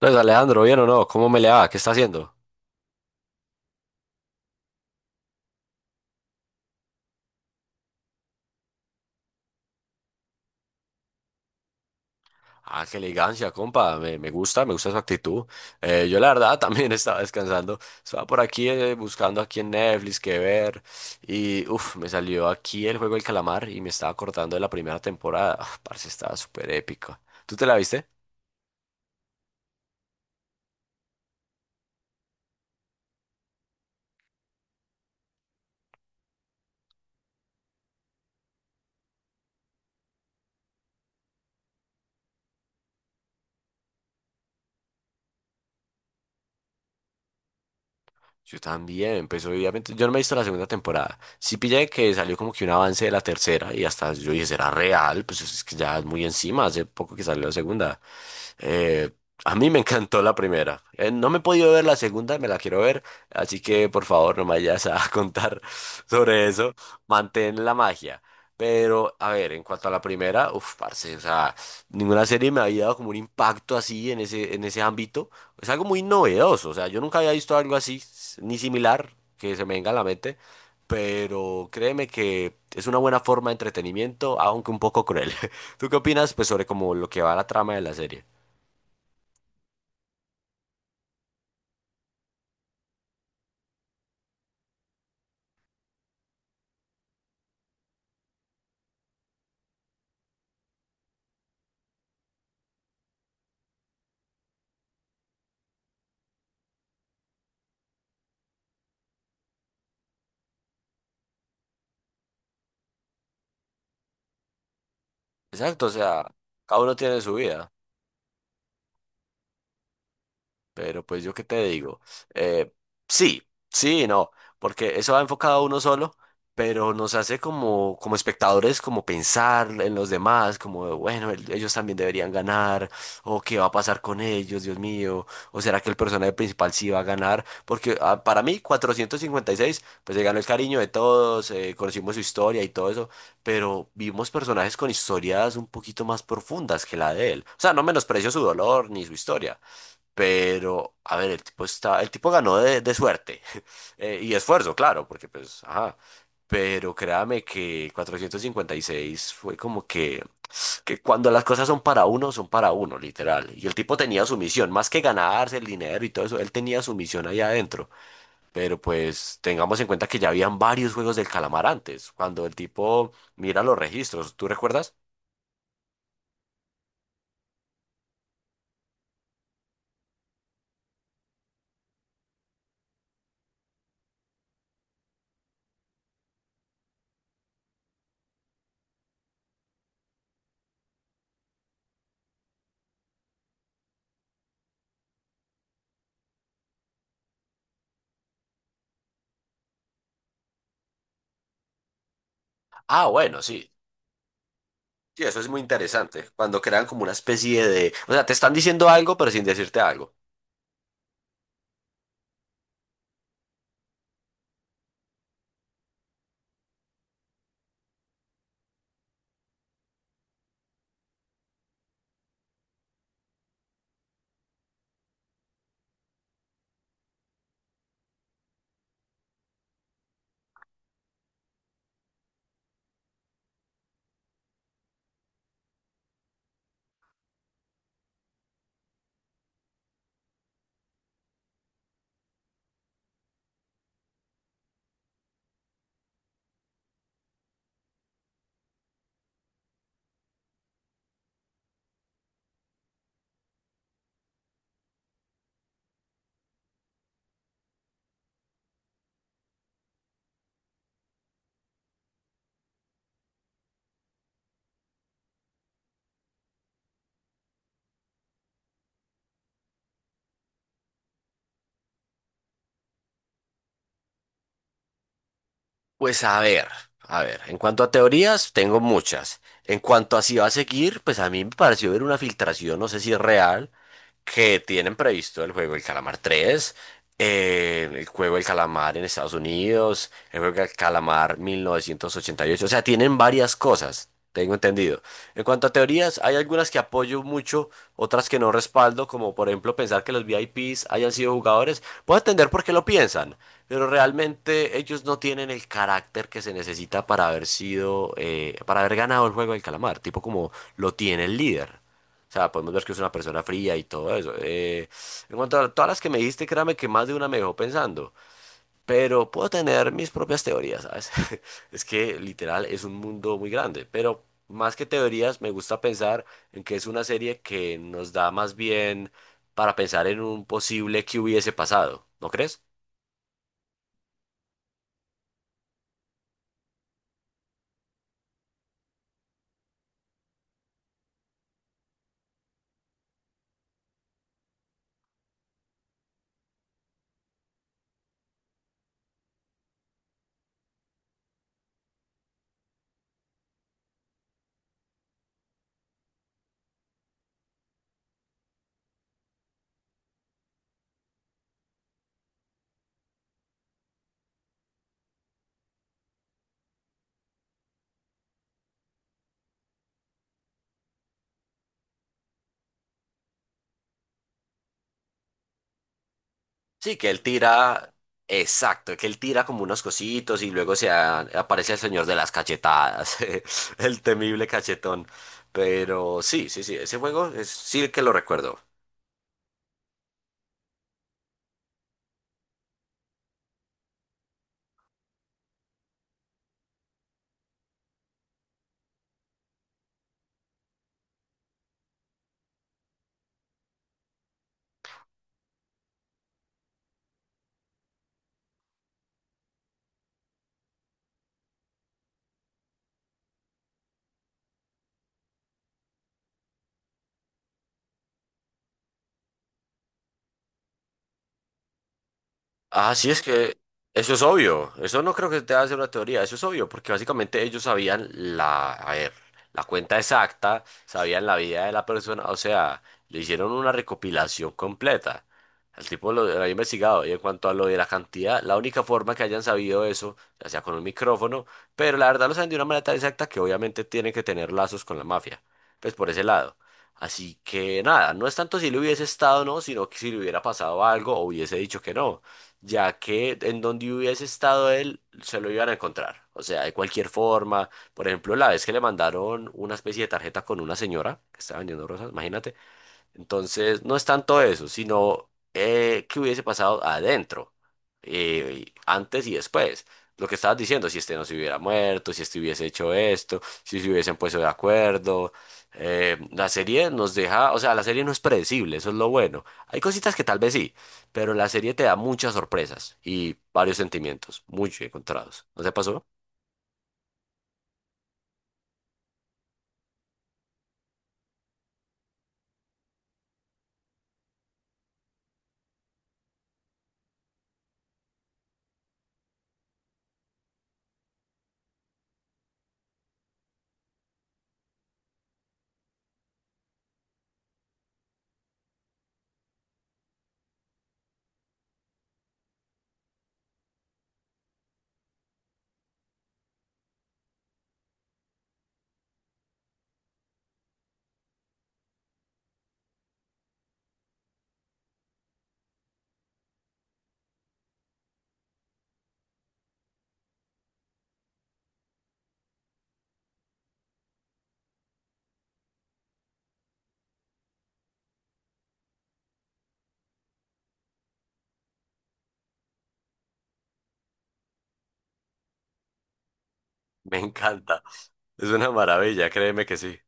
Entonces Alejandro, ¿bien o no? ¿Cómo me le va? ¿Qué está haciendo? Ah, qué elegancia, compa. Me gusta, me gusta su actitud. Yo la verdad también estaba descansando. Estaba por aquí buscando aquí en Netflix qué ver. Y uff, me salió aquí el juego del calamar y me estaba acordando de la primera temporada. Ah, parce, estaba súper épico. ¿Tú te la viste? Yo también, pues obviamente yo no me he visto la segunda temporada. Sí pillé que salió como que un avance de la tercera y hasta yo dije, ¿será real? Pues es que ya es muy encima, hace poco que salió la segunda. Eh, a mí me encantó la primera. No me he podido ver la segunda, me la quiero ver. Así que por favor no me vayas a contar sobre eso. Mantén la magia. Pero, a ver, en cuanto a la primera, uff, parce, o sea, ninguna serie me había dado como un impacto así en ese ámbito. Es algo muy novedoso, o sea, yo nunca había visto algo así, ni similar, que se me venga a la mente. Pero créeme que es una buena forma de entretenimiento, aunque un poco cruel. ¿Tú qué opinas, pues, sobre como lo que va la trama de la serie? Exacto, o sea, cada uno tiene su vida. Pero pues yo qué te digo, eh, sí, sí, y no, porque eso va enfocado a uno solo, pero nos hace como, como espectadores, como pensar en los demás, como, bueno, ellos también deberían ganar, o qué va a pasar con ellos, Dios mío, o será que el personaje principal sí va a ganar, porque ah, para mí 456, pues se ganó el cariño de todos, conocimos su historia y todo eso, pero vimos personajes con historias un poquito más profundas que la de él, o sea, no menosprecio su dolor ni su historia, pero, a ver, el tipo está, el tipo ganó de suerte. Y esfuerzo, claro, porque pues, ajá. Pero créame que 456 fue como que cuando las cosas son para uno, literal. Y el tipo tenía su misión, más que ganarse el dinero y todo eso, él tenía su misión ahí adentro. Pero pues tengamos en cuenta que ya habían varios juegos del calamar antes, cuando el tipo mira los registros, ¿tú recuerdas? Ah, bueno, sí. Sí, eso es muy interesante. Cuando crean como una especie de, o sea, te están diciendo algo, pero sin decirte algo. Pues a ver, a ver. En cuanto a teorías, tengo muchas. En cuanto a si va a seguir, pues a mí me pareció ver una filtración, no sé si es real, que tienen previsto el juego El Calamar 3, el juego El Calamar en Estados Unidos, el juego El Calamar 1988. O sea, tienen varias cosas, tengo entendido. En cuanto a teorías, hay algunas que apoyo mucho, otras que no respaldo, como por ejemplo pensar que los VIPs hayan sido jugadores. Puedo entender por qué lo piensan, pero realmente ellos no tienen el carácter que se necesita para haber sido, para haber ganado el juego del calamar, tipo como lo tiene el líder. O sea, podemos ver que es una persona fría y todo eso. En cuanto a todas las que me dijiste, créame que más de una me dejó pensando. Pero puedo tener mis propias teorías, ¿sabes? Es que literal es un mundo muy grande, pero más que teorías me gusta pensar en que es una serie que nos da más bien para pensar en un posible que hubiese pasado, ¿no crees? Sí, que él tira, exacto, que él tira como unos cositos y luego se aparece el señor de las cachetadas, el temible cachetón. Pero sí, sí, sí, ese juego es sí que lo recuerdo. Ah, sí, es que eso es obvio. Eso no creo que te hacer una teoría. Eso es obvio, porque básicamente ellos sabían la, a ver, la cuenta exacta, sabían la vida de la persona. O sea, le hicieron una recopilación completa. El tipo lo había investigado. Y en cuanto a lo de la cantidad, la única forma que hayan sabido eso, ya sea con un micrófono, pero la verdad lo saben de una manera tan exacta que obviamente tienen que tener lazos con la mafia. Pues por ese lado. Así que nada, no es tanto si le hubiese estado o no, sino que si le hubiera pasado algo o hubiese dicho que no, ya que en donde hubiese estado él, se lo iban a encontrar. O sea, de cualquier forma, por ejemplo, la vez que le mandaron una especie de tarjeta con una señora que estaba vendiendo rosas, imagínate, entonces, no es tanto eso, sino qué hubiese pasado adentro, antes y después. Lo que estabas diciendo, si este no se hubiera muerto, si este hubiese hecho esto, si se hubiesen puesto de acuerdo. La serie nos deja, o sea, la serie no es predecible, eso es lo bueno. Hay cositas que tal vez sí, pero la serie te da muchas sorpresas y varios sentimientos, muy encontrados. ¿No te pasó? Me encanta. Es una maravilla, créeme que sí.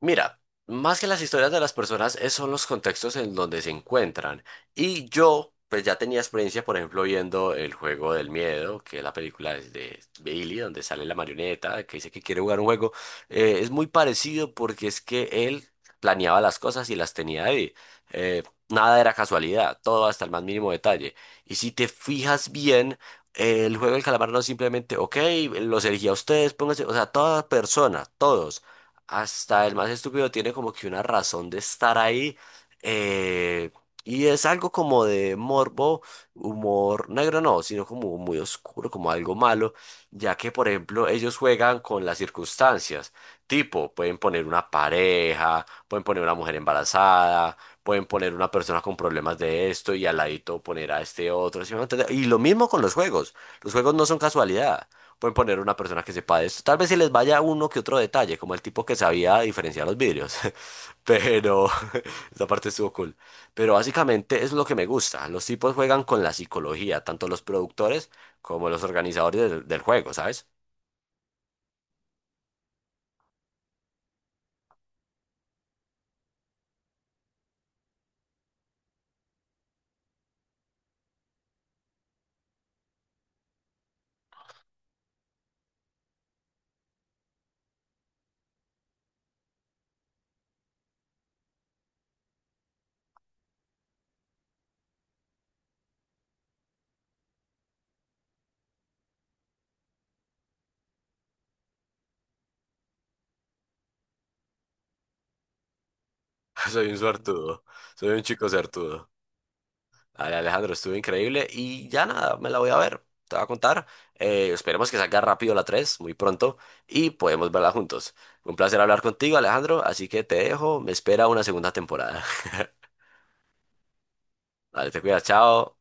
Mira, más que las historias de las personas, son los contextos en donde se encuentran. Y yo, pues ya tenía experiencia, por ejemplo, viendo El Juego del Miedo, que es la película de Billy, donde sale la marioneta, que dice que quiere jugar un juego. Es muy parecido porque es que él planeaba las cosas y las tenía ahí. Eh, nada era casualidad, todo hasta el más mínimo detalle. Y si te fijas bien, el juego del calamar no es simplemente, ok, los elegí a ustedes, pónganse, o sea, toda persona, todos. Hasta el más estúpido tiene como que una razón de estar ahí. eh, y es algo como de morbo, humor negro no, sino como muy oscuro, como algo malo, ya que por ejemplo ellos juegan con las circunstancias. Tipo, pueden poner una pareja, pueden poner una mujer embarazada, pueden poner una persona con problemas de esto y al ladito poner a este otro. ¿Sí me va a entender? Y lo mismo con los juegos. Los juegos no son casualidad. Pueden poner una persona que sepa de esto. Tal vez se les vaya uno que otro detalle, como el tipo que sabía diferenciar los vidrios. Pero esa parte estuvo cool. Pero básicamente es lo que me gusta. Los tipos juegan con la psicología, tanto los productores como los organizadores del juego, ¿sabes? Soy un suertudo. Soy un chico suertudo. Dale, Alejandro, estuvo increíble y ya nada, me la voy a ver, te voy a contar. Esperemos que salga rápido la 3 muy pronto, y podemos verla juntos. Un placer hablar contigo, Alejandro, así que te dejo, me espera una segunda temporada. Dale, te cuidas, chao.